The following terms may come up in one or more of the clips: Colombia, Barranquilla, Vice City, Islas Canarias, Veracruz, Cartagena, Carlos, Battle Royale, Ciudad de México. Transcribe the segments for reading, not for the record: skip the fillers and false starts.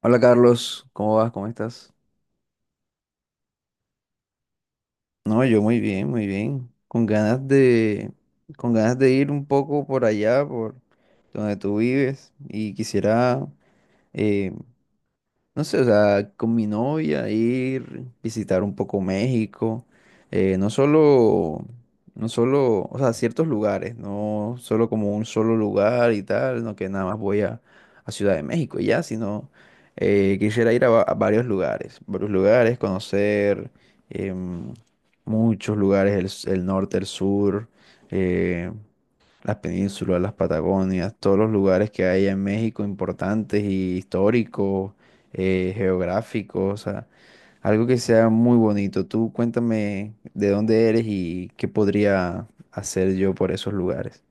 Hola Carlos, ¿cómo vas? ¿Cómo estás? No, yo muy bien, muy bien. Con ganas de ir un poco por allá, por donde tú vives, y quisiera eh, no sé, o sea, con mi novia ir, visitar un poco México. No solo, no solo, o sea, ciertos lugares, no solo como un solo lugar y tal, no que nada más voy a Ciudad de México y ya, sino quisiera ir a varios lugares, conocer em, muchos lugares, el norte, el sur, eh, las penínsulas, las Patagonias, todos los lugares que hay en México importantes y históricos, geográficos, o sea, algo que sea muy bonito. Tú cuéntame de dónde eres y qué podría hacer yo por esos lugares.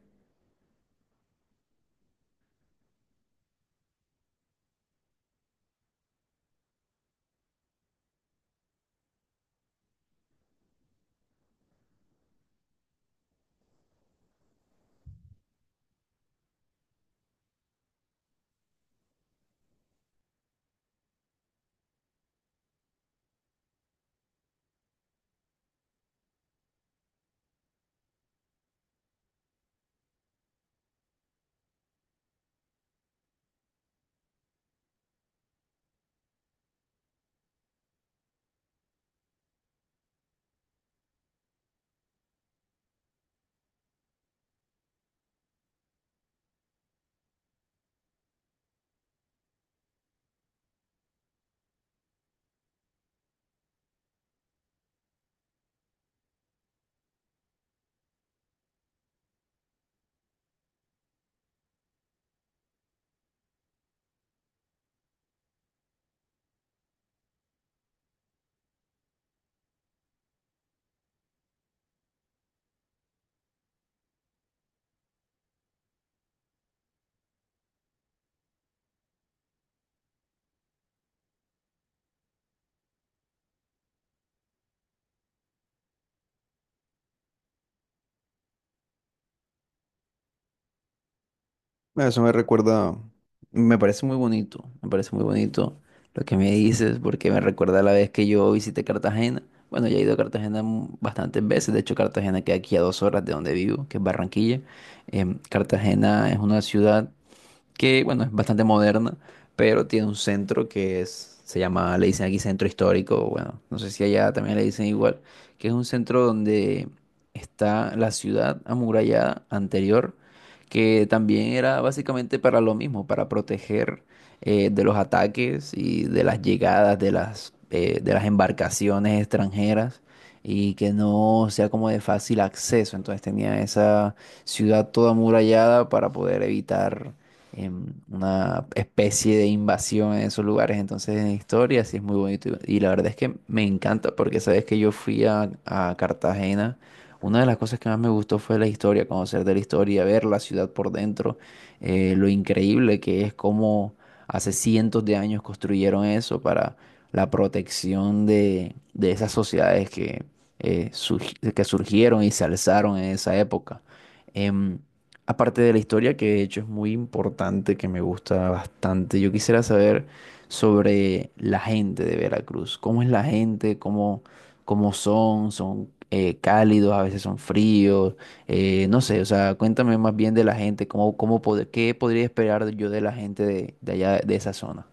Eso me recuerda, me parece muy bonito, me parece muy bonito lo que me dices, porque me recuerda la vez que yo visité Cartagena. Bueno, ya he ido a Cartagena bastantes veces. De hecho, Cartagena queda aquí a 2 horas de donde vivo, que es Barranquilla. Cartagena es una ciudad que, bueno, es bastante moderna, pero tiene un centro que es, se llama, le dicen aquí centro histórico. Bueno, no sé si allá también le dicen igual, que es un centro donde está la ciudad amurallada anterior, que también era básicamente para lo mismo, para proteger de los ataques y de las llegadas de las embarcaciones extranjeras, y que no sea como de fácil acceso. Entonces tenía esa ciudad toda amurallada para poder evitar una especie de invasión en esos lugares. Entonces, en historia sí es muy bonito. Y la verdad es que me encanta, porque sabes que yo fui a Cartagena. Una de las cosas que más me gustó fue la historia, conocer de la historia, ver la ciudad por dentro, lo increíble que es cómo hace cientos de años construyeron eso para la protección de esas sociedades que que surgieron y se alzaron en esa época. Em, Aparte de la historia, que de hecho es muy importante, que me gusta bastante, yo quisiera saber sobre la gente de Veracruz. ¿Cómo es la gente? ¿Cómo son? ¿Son cálidos? ¿A veces son fríos? No sé, o sea, cuéntame más bien de la gente, qué podría esperar yo de la gente de allá, de esa zona.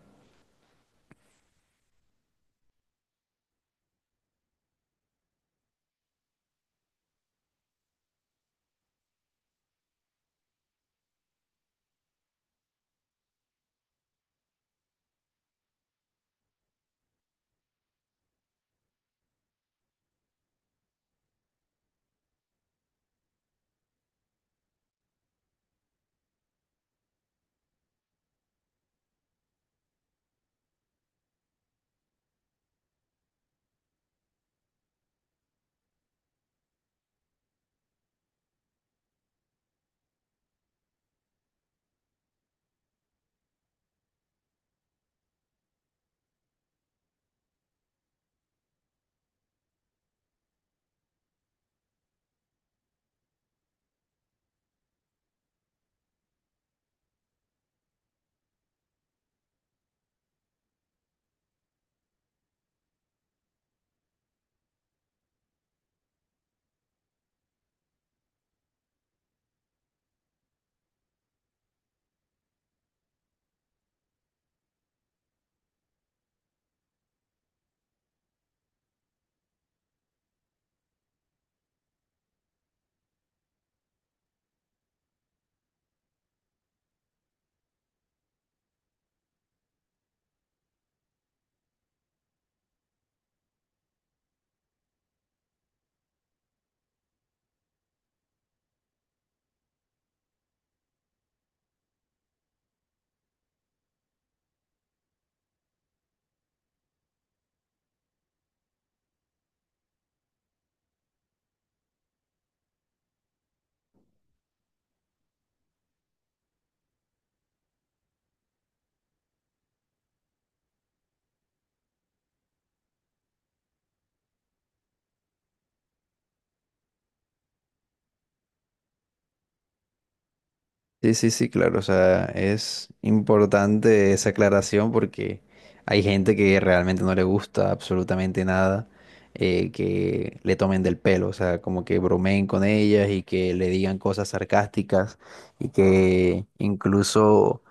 Sí, sí, sí, claro. O sea, es importante esa aclaración porque hay gente que realmente no le gusta absolutamente nada que le tomen del pelo, o sea, como que bromeen con ellas y que le digan cosas sarcásticas, y que incluso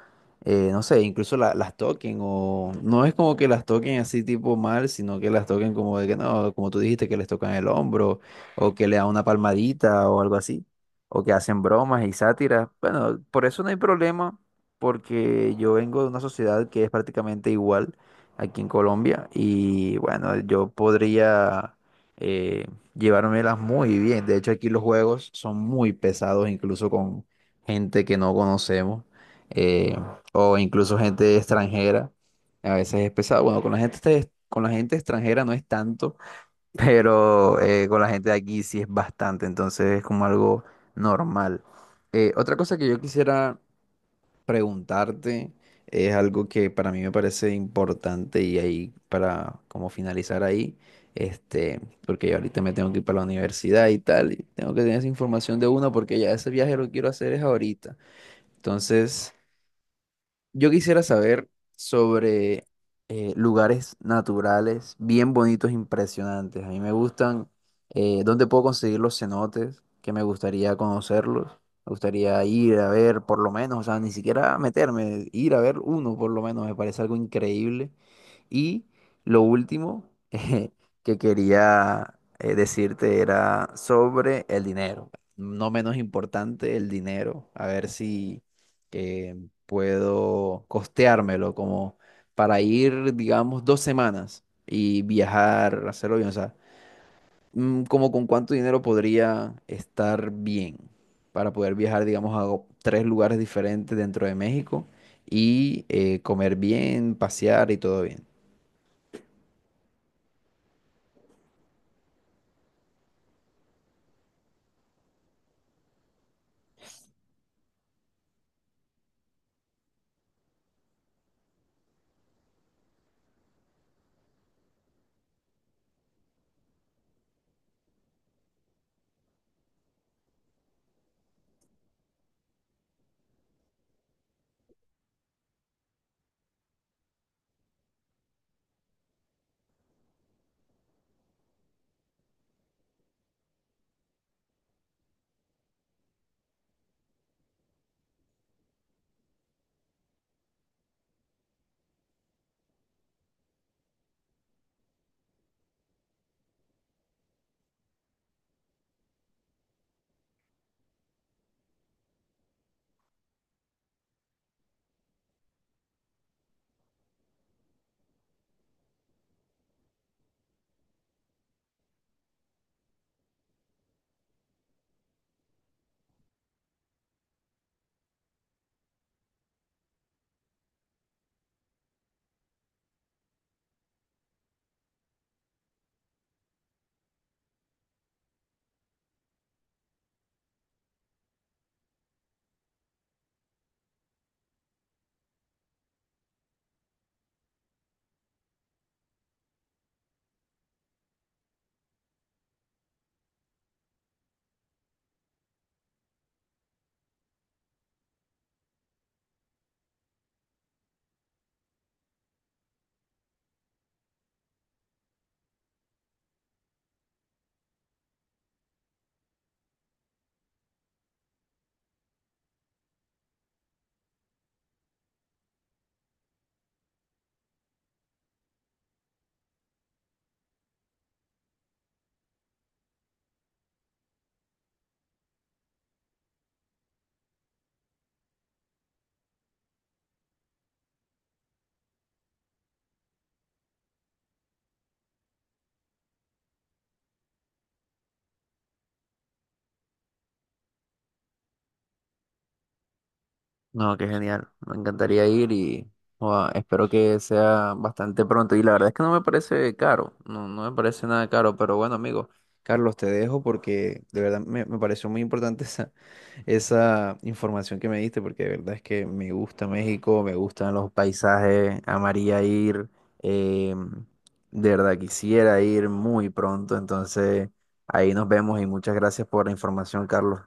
no sé, incluso las toquen. O no es como que las toquen así tipo mal, sino que las toquen como de que no, como tú dijiste, que les tocan el hombro, o que le dan una palmadita o algo así, o que hacen bromas y sátiras. Bueno, por eso no hay problema, porque yo vengo de una sociedad que es prácticamente igual aquí en Colombia, y bueno, yo podría eh, llevármelas muy bien. De hecho, aquí los juegos son muy pesados, incluso con gente que no conocemos, eh, o incluso gente extranjera. A veces es pesado. Bueno, con la gente extranjera no es tanto, pero con la gente de aquí sí es bastante, entonces es como algo normal. Otra cosa que yo quisiera preguntarte es algo que para mí me parece importante, y ahí para como finalizar ahí, este, porque yo ahorita me tengo que ir para la universidad y tal, y tengo que tener esa información de uno porque ya ese viaje lo quiero hacer es ahorita. Entonces, yo quisiera saber sobre lugares naturales bien bonitos, impresionantes. A mí me gustan. ¿ Dónde puedo conseguir los cenotes, que me gustaría conocerlos? Me gustaría ir a ver por lo menos, o sea, ni siquiera meterme, ir a ver uno por lo menos, me parece algo increíble. Y lo último que quería decirte era sobre el dinero. No menos importante, el dinero. A ver si eh, puedo costeármelo como para ir, digamos, 2 semanas y viajar, hacerlo bien. O sea, como con cuánto dinero podría estar bien para poder viajar, digamos, a tres lugares diferentes dentro de México, y comer bien, pasear y todo bien. No, qué genial. Me encantaría ir y joda, espero que sea bastante pronto. Y la verdad es que no me parece caro, no, no me parece nada caro, pero bueno, amigo Carlos, te dejo porque de verdad me pareció muy importante esa información que me diste, porque de verdad es que me gusta México, me gustan los paisajes, amaría ir. eh, de verdad quisiera ir muy pronto, entonces ahí nos vemos, y muchas gracias por la información, Carlos.